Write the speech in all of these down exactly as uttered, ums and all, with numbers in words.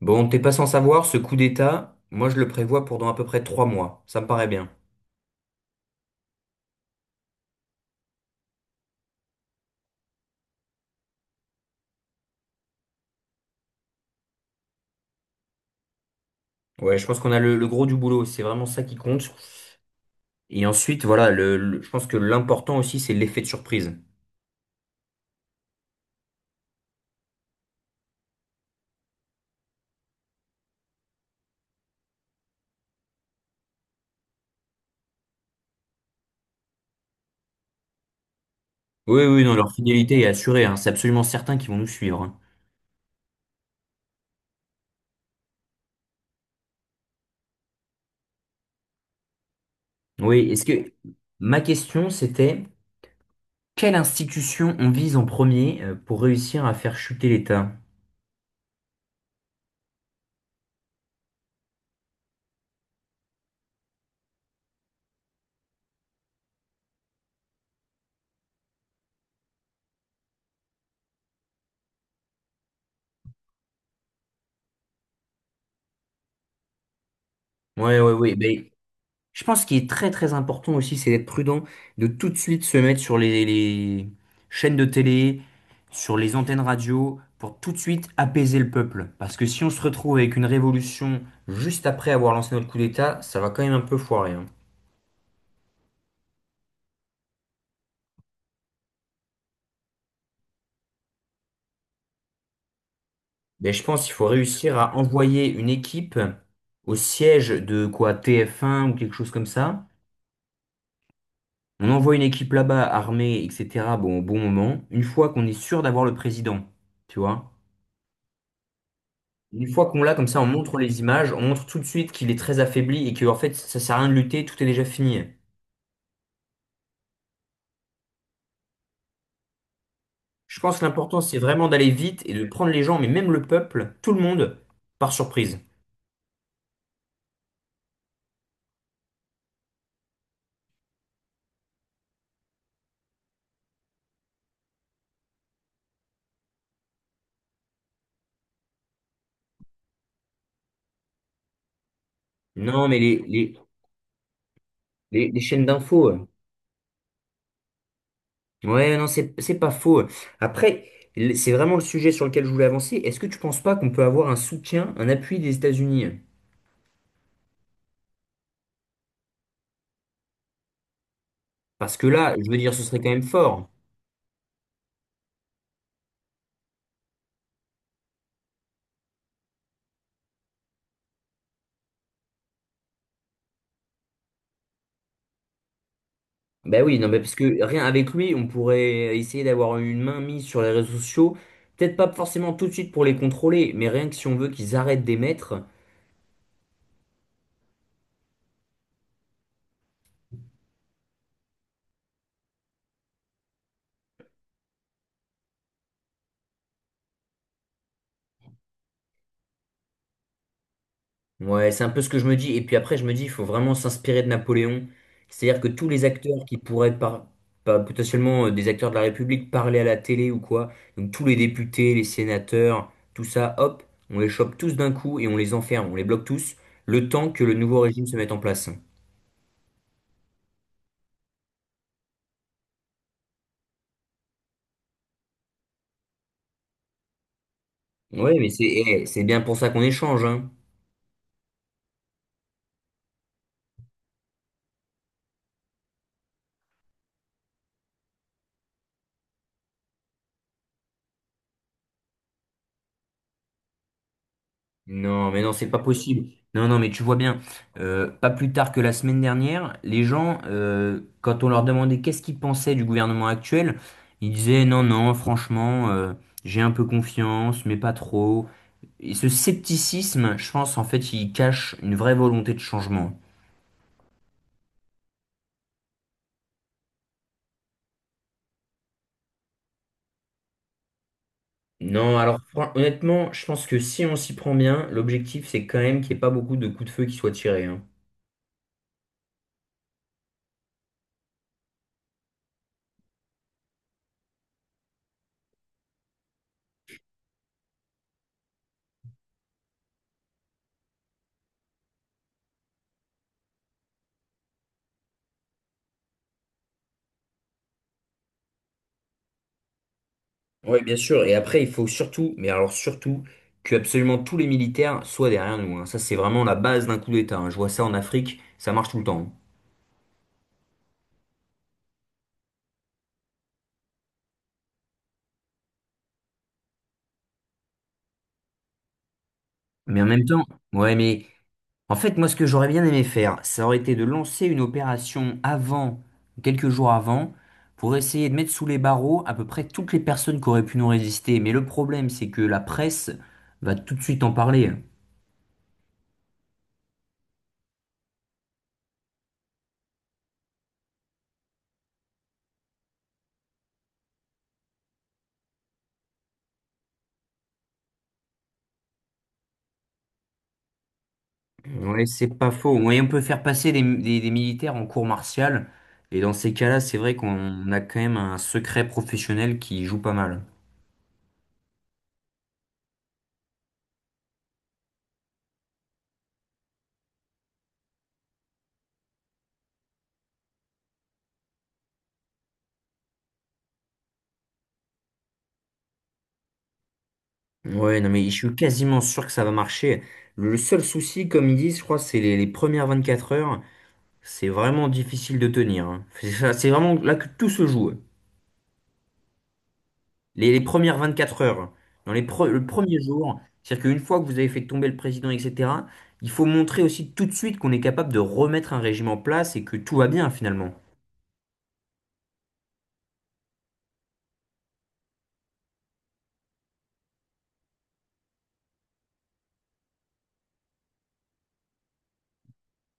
Bon, t'es pas sans savoir, ce coup d'État, moi je le prévois pour dans à peu près trois mois. Ça me paraît bien. Ouais, je pense qu'on a le, le gros du boulot, c'est vraiment ça qui compte. Et ensuite, voilà, le, le- je pense que l'important aussi, c'est l'effet de surprise. Oui, oui, non, leur fidélité est assurée, hein, c'est absolument certain qu'ils vont nous suivre, hein. Oui, est-ce que ma question c'était quelle institution on vise en premier euh, pour réussir à faire chuter l'État? Ouais, ouais, oui. Je pense qu'il est très très important aussi, c'est d'être prudent, de tout de suite se mettre sur les, les chaînes de télé, sur les antennes radio, pour tout de suite apaiser le peuple. Parce que si on se retrouve avec une révolution juste après avoir lancé notre coup d'État, ça va quand même un peu foirer, hein. Mais je pense qu'il faut réussir à envoyer une équipe au siège de quoi T F un ou quelque chose comme ça. On envoie une équipe là-bas armée, et cetera. Bon, au bon moment, une fois qu'on est sûr d'avoir le président, tu vois. Une fois qu'on l'a comme ça, on montre les images, on montre tout de suite qu'il est très affaibli et que en fait ça sert à rien de lutter, tout est déjà fini. Je pense que l'important c'est vraiment d'aller vite et de prendre les gens, mais même le peuple, tout le monde, par surprise. Non, mais les, les, les, les chaînes d'infos. euh. Ouais, non, c'est, c'est pas faux. Après, l- c'est vraiment le sujet sur lequel je voulais avancer. Est-ce que tu penses pas qu'on peut avoir un soutien, un appui des États-Unis? Parce que là, je veux dire, ce serait quand même fort. Ben oui, non, mais parce que rien avec lui, on pourrait essayer d'avoir une main mise sur les réseaux sociaux. Peut-être pas forcément tout de suite pour les contrôler, mais rien que si on veut qu'ils arrêtent d'émettre. Ouais, c'est un peu ce que je me dis. Et puis après, je me dis, il faut vraiment s'inspirer de Napoléon. C'est-à-dire que tous les acteurs qui pourraient par, pas- potentiellement euh, des acteurs de la République parler à la télé ou quoi, donc tous les députés, les sénateurs, tout ça, hop, on les chope tous d'un coup et on les enferme, on les bloque tous, le temps que le nouveau régime se mette en place. Ouais, mais c'est eh, c'est bien pour ça qu'on échange, hein. Non, mais non, c'est pas possible. Non, non, mais tu vois bien, euh, pas plus tard que la semaine dernière, les gens, euh, quand on leur demandait qu'est-ce qu'ils pensaient du gouvernement actuel, ils disaient non, non, franchement, euh, j'ai un peu confiance, mais pas trop. Et ce scepticisme, je pense, en fait, il cache une vraie volonté de changement. Non, alors fran- honnêtement, je pense que si on s'y prend bien, l'objectif, c'est quand même qu'il n'y ait pas beaucoup de coups de feu qui soient tirés, hein. Oui, bien sûr. Et après, il faut surtout, mais alors surtout, que absolument tous les militaires soient derrière nous, hein. Ça, c'est vraiment la base d'un coup d'État, hein. Je vois ça en Afrique, ça marche tout le temps, hein. Mais en même temps, ouais, mais en fait, moi, ce que j'aurais bien aimé faire, ça aurait été de lancer une opération avant, quelques jours avant, pour essayer de mettre sous les barreaux à peu près toutes les personnes qui auraient pu nous résister. Mais le problème, c'est que la presse va tout de suite en parler, hein. Ouais, c'est pas faux. Ouais, on peut faire passer des, des- des militaires en cours martial. Et dans ces cas-là, c'est vrai qu'on a quand même un secret professionnel qui joue pas mal. Ouais, non, mais je suis quasiment sûr que ça va marcher. Le seul souci, comme ils disent, je crois, c'est les, les premières quatre heures. C'est vraiment difficile de tenir, hein. C'est ça- c'est vraiment là que tout se joue. Les, les premières quatre heures. Dans les pre- le premier jour, c'est-à-dire qu'une fois que vous avez fait tomber le président, et cetera, il faut montrer aussi tout de suite qu'on est capable de remettre un régime en place et que tout va bien finalement.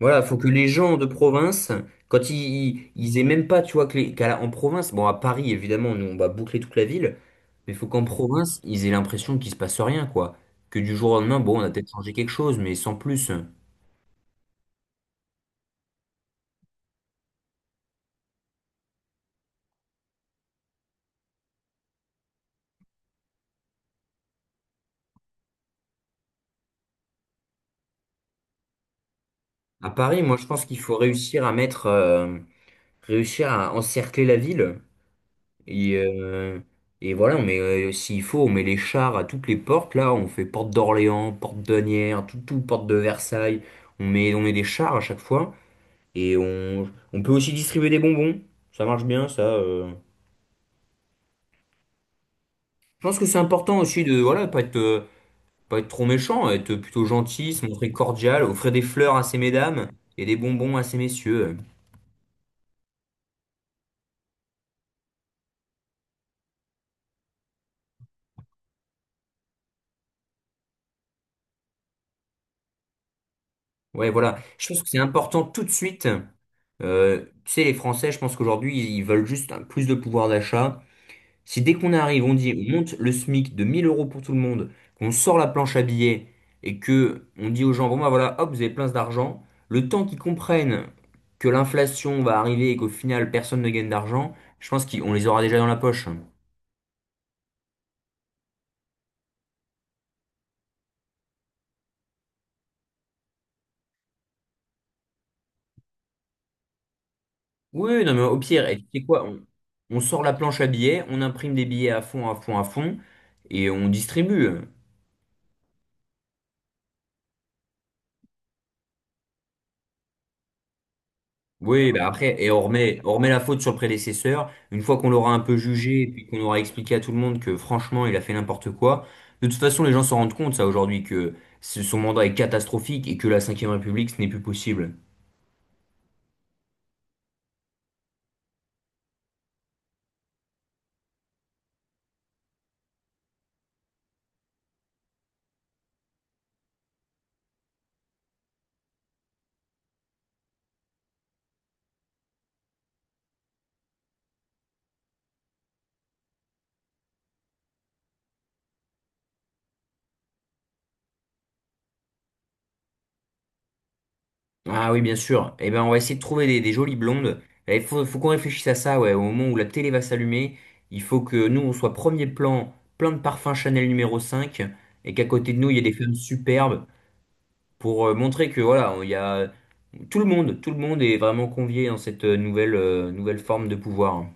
Voilà, faut que les gens de province, quand ils, ils aient même pas, tu vois, que les- qu'à la- en province, bon, à Paris, évidemment, nous, on va boucler toute la ville, mais faut qu'en province, ils aient l'impression qu'il se passe rien, quoi. Que du jour au lendemain, bon, on a peut-être changé quelque chose, mais sans plus. À Paris, moi, je pense qu'il faut réussir à mettre, euh, réussir à encercler la ville. Et, euh, et voilà, on met, euh, s'il faut, on met les chars à toutes les portes, là, on fait porte d'Orléans, porte d'Asnières, tout, tout, porte de Versailles, on met, on met des chars à chaque fois. Et on, on peut aussi distribuer des bonbons. Ça marche bien, ça. euh. Je pense que c'est important aussi de voilà, pas être, euh, pas être trop méchant, être plutôt gentil, se montrer cordial, offrir des fleurs à ces mesdames et des bonbons à ces messieurs. Ouais, voilà. Je pense que c'est important tout de suite. Euh, tu sais, les Français, je pense qu'aujourd'hui, ils ils veulent juste un- plus de pouvoir d'achat. Si dès qu'on arrive, on dit on monte le SMIC de mille euros pour tout le monde, qu'on sort la planche à billets et que on dit aux gens, bon bah voilà, hop, vous avez plein d'argent, le temps qu'ils comprennent que l'inflation va arriver et qu'au final personne ne gagne d'argent, je pense qu'on les aura déjà dans la poche. Oui, oui, non mais au pire, et tu sais quoi, on, on sort la planche à billets, on imprime des billets à fond, à fond, à fond, et on distribue. Oui, bah après, et on remet, on remet la faute sur le prédécesseur. Une fois qu'on l'aura un peu jugé et puis qu'on aura expliqué à tout le monde que franchement, il a fait n'importe quoi. De toute façon, les gens s'en rendent compte, ça, aujourd'hui, que ce- son mandat est catastrophique et que la Cinquième République, ce n'est plus possible. Ah oui, bien sûr. Eh ben, on va essayer de trouver des, des jolies blondes. Il faut, faut qu'on réfléchisse à ça, ouais. Au moment où la télé va s'allumer, il faut que nous, on soit premier plan, plein de parfums Chanel numéro cinq et qu'à côté de nous, il y ait des femmes superbes pour euh, montrer que, voilà, il y a. Tout le monde, tout le monde est vraiment convié dans cette euh, nouvelle, euh, nouvelle forme de pouvoir.